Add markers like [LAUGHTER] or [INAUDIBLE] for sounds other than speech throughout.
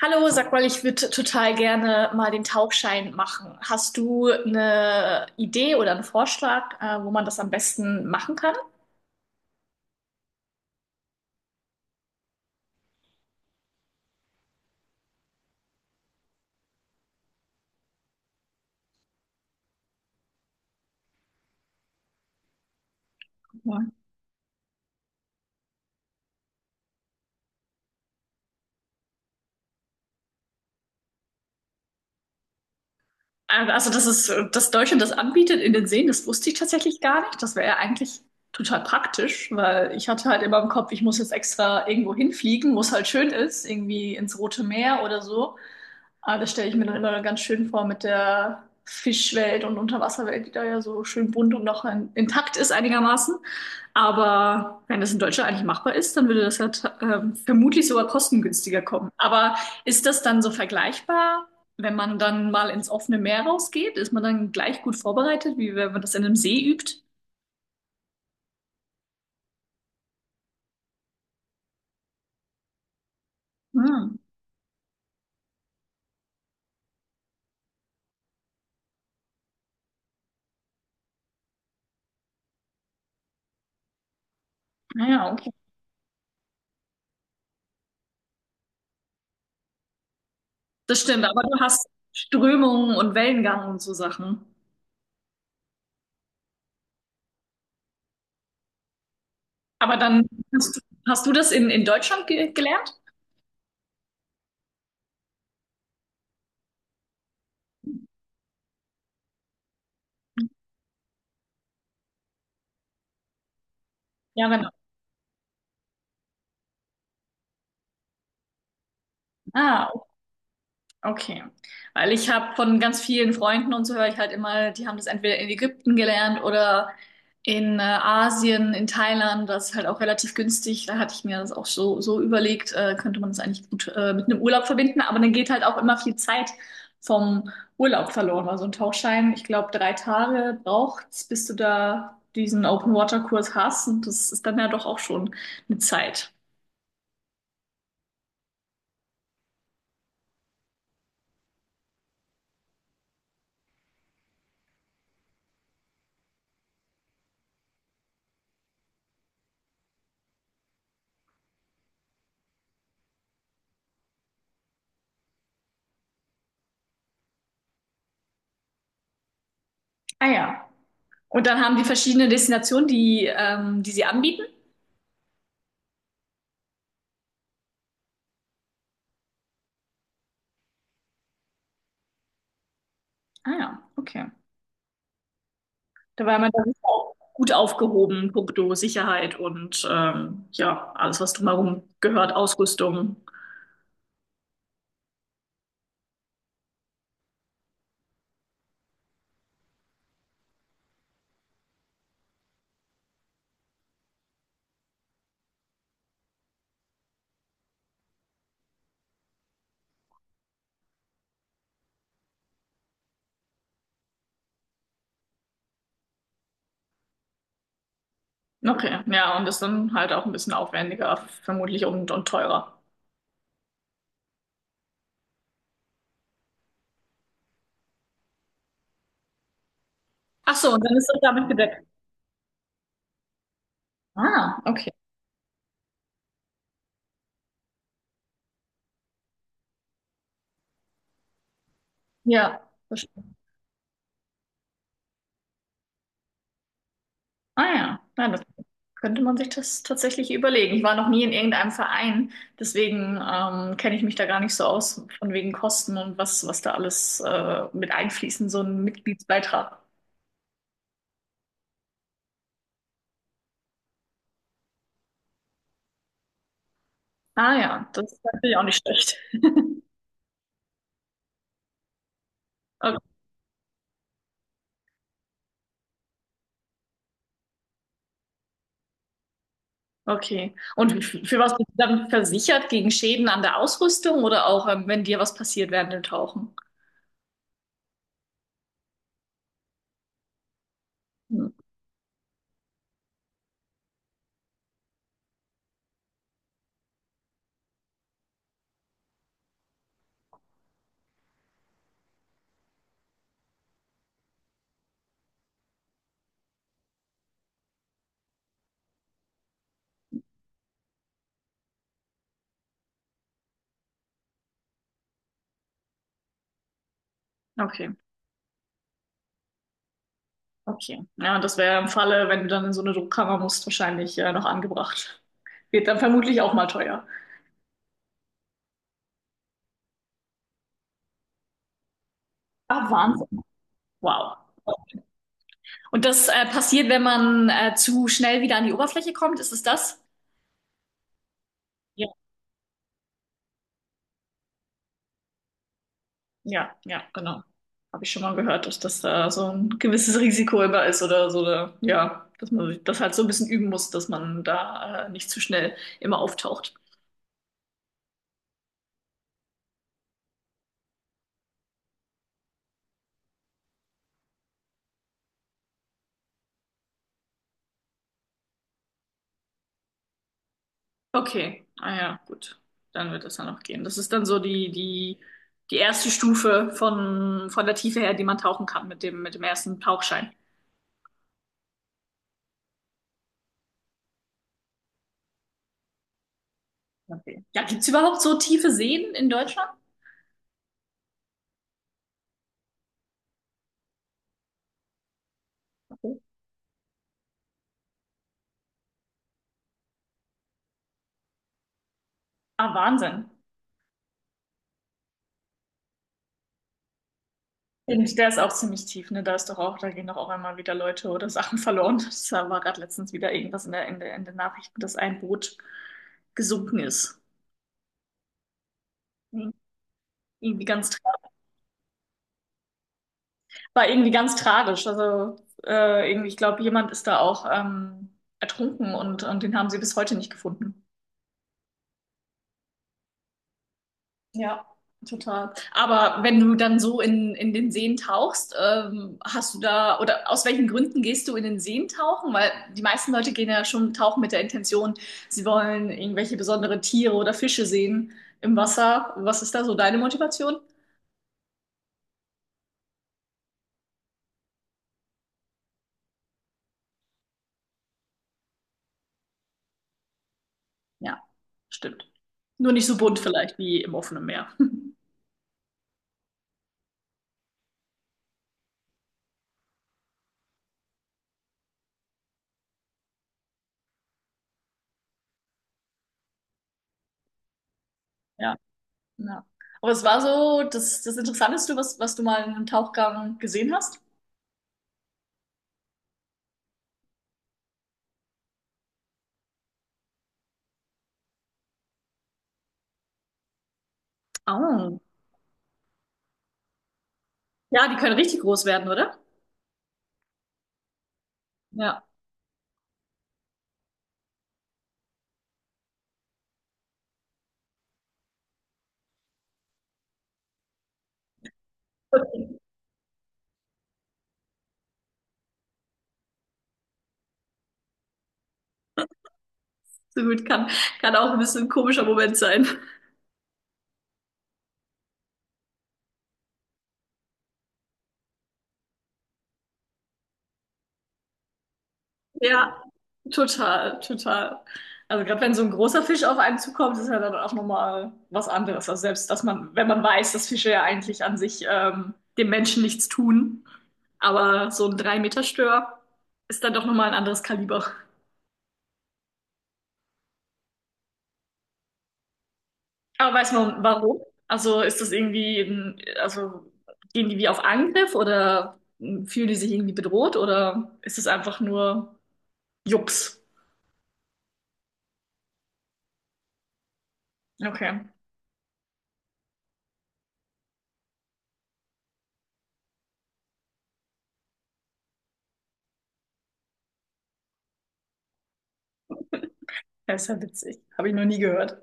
Hallo, sag mal, ich würde total gerne mal den Tauchschein machen. Hast du eine Idee oder einen Vorschlag, wo man das am besten machen kann? Ja. Also, dass es, dass Deutschland das anbietet in den Seen, das wusste ich tatsächlich gar nicht. Das wäre ja eigentlich total praktisch, weil ich hatte halt immer im Kopf, ich muss jetzt extra irgendwo hinfliegen, wo es halt schön ist, irgendwie ins Rote Meer oder so. Aber das stelle ich mir dann immer ganz schön vor mit der Fischwelt und Unterwasserwelt, die da ja so schön bunt und noch intakt ist einigermaßen. Aber wenn das in Deutschland eigentlich machbar ist, dann würde das ja vermutlich sogar kostengünstiger kommen. Aber ist das dann so vergleichbar, wenn man dann mal ins offene Meer rausgeht? Ist man dann gleich gut vorbereitet, wie wenn man das in einem See übt? Hm. Naja, okay. Das stimmt, aber du hast Strömungen und Wellengang und so Sachen. Aber dann hast du, hast du das in Deutschland ge gelernt? Ja, genau. Ah, okay, weil ich habe von ganz vielen Freunden und so höre ich halt immer, die haben das entweder in Ägypten gelernt oder in Asien, in Thailand, das ist halt auch relativ günstig. Da hatte ich mir das auch so überlegt, könnte man das eigentlich gut mit einem Urlaub verbinden, aber dann geht halt auch immer viel Zeit vom Urlaub verloren. Also ein Tauchschein, ich glaube, 3 Tage braucht's, bis du da diesen Open-Water-Kurs hast und das ist dann ja doch auch schon eine Zeit. Ah ja. Und dann haben die verschiedene Destinationen, die sie anbieten. Ah ja, okay. Da war man dann auch gut aufgehoben, puncto Sicherheit und ja, alles, was drumherum gehört, Ausrüstung. Okay, ja, und das dann halt auch ein bisschen aufwendiger, vermutlich und teurer. Ach so, und dann ist das damit gedeckt. Ah, okay. Ja, verstehe. Ah ja, nein, das könnte man sich das tatsächlich überlegen. Ich war noch nie in irgendeinem Verein, deswegen kenne ich mich da gar nicht so aus, von wegen Kosten und was da alles mit einfließen, so ein Mitgliedsbeitrag. Ah ja, das ist natürlich auch nicht schlecht. O- okay. Und für was bist du dann versichert? Gegen Schäden an der Ausrüstung oder auch, wenn dir was passiert während dem Tauchen? Hm. Okay, okay. Ja, und das wäre im Falle, wenn du dann in so eine Druckkammer musst, wahrscheinlich noch angebracht. Wird dann vermutlich auch mal teuer. Ah, Wahnsinn. Wow. Und das passiert, wenn man zu schnell wieder an die Oberfläche kommt, ist es das? Ja, genau. Habe ich schon mal gehört, dass das da so ein gewisses Risiko immer ist oder so, oder, ja, dass man sich das halt so ein bisschen üben muss, dass man da nicht zu schnell immer auftaucht. Okay, ah ja, gut. Dann wird das dann noch gehen. Das ist dann so die erste Stufe von der Tiefe her, die man tauchen kann mit dem ersten Tauchschein. Okay. Ja, gibt's überhaupt so tiefe Seen in Deutschland? Okay. Ah, Wahnsinn. Und der ist auch ziemlich tief, ne? Da ist doch auch, da gehen doch auch einmal wieder Leute oder Sachen verloren. [LAUGHS] Das war gerade letztens wieder irgendwas in den Nachrichten, dass ein Boot gesunken ist. Irgendwie ganz, war irgendwie ganz tragisch. Also irgendwie, ich glaube, jemand ist da auch ertrunken und den haben sie bis heute nicht gefunden. Ja, total. Aber wenn du dann so in den Seen tauchst, hast du da, oder aus welchen Gründen gehst du in den Seen tauchen? Weil die meisten Leute gehen ja schon tauchen mit der Intention, sie wollen irgendwelche besondere Tiere oder Fische sehen im Wasser. Was ist da so deine Motivation? Ja, stimmt. Nur nicht so bunt vielleicht wie im offenen Meer. [LAUGHS] Ja, ja. Aber es war so das Interessanteste, was du mal in einem Tauchgang gesehen hast? Oh. Ja, die können richtig groß werden, oder? Ja. So gut, kann auch ein bisschen ein komischer Moment sein. Ja, total, total. Also gerade wenn so ein großer Fisch auf einen zukommt, ist ja dann auch nochmal was anderes. Also selbst, dass man, wenn man weiß, dass Fische ja eigentlich an sich dem Menschen nichts tun, aber so ein 3 Meter stör ist dann doch nochmal ein anderes Kaliber. Aber weiß man warum? Also ist das irgendwie, also gehen die wie auf Angriff oder fühlen die sich irgendwie bedroht oder ist es einfach nur Jux? Okay. Das ist ja witzig. Habe ich noch nie gehört.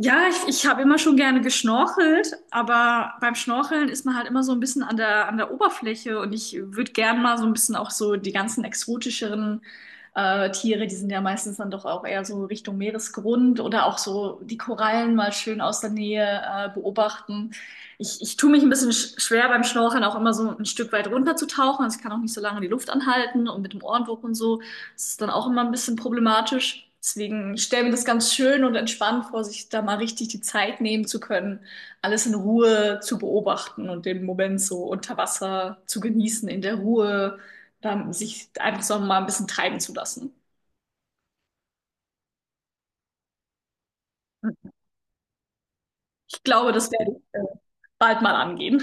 Ja, ich habe immer schon gerne geschnorchelt, aber beim Schnorcheln ist man halt immer so ein bisschen an der Oberfläche und ich würde gern mal so ein bisschen auch so die ganzen exotischeren Tiere, die sind ja meistens dann doch auch eher so Richtung Meeresgrund oder auch so die Korallen mal schön aus der Nähe beobachten. Ich tue mich ein bisschen schwer beim Schnorcheln auch immer so ein Stück weit runterzutauchen, also ich kann auch nicht so lange die Luft anhalten und mit dem Ohrenwurf und so. Das ist dann auch immer ein bisschen problematisch. Deswegen, stelle mir das ganz schön und entspannt vor, sich da mal richtig die Zeit nehmen zu können, alles in Ruhe zu beobachten und den Moment so unter Wasser zu genießen, in der Ruhe, dann sich einfach so mal ein bisschen treiben zu lassen. Ich glaube, das werde ich bald mal angehen.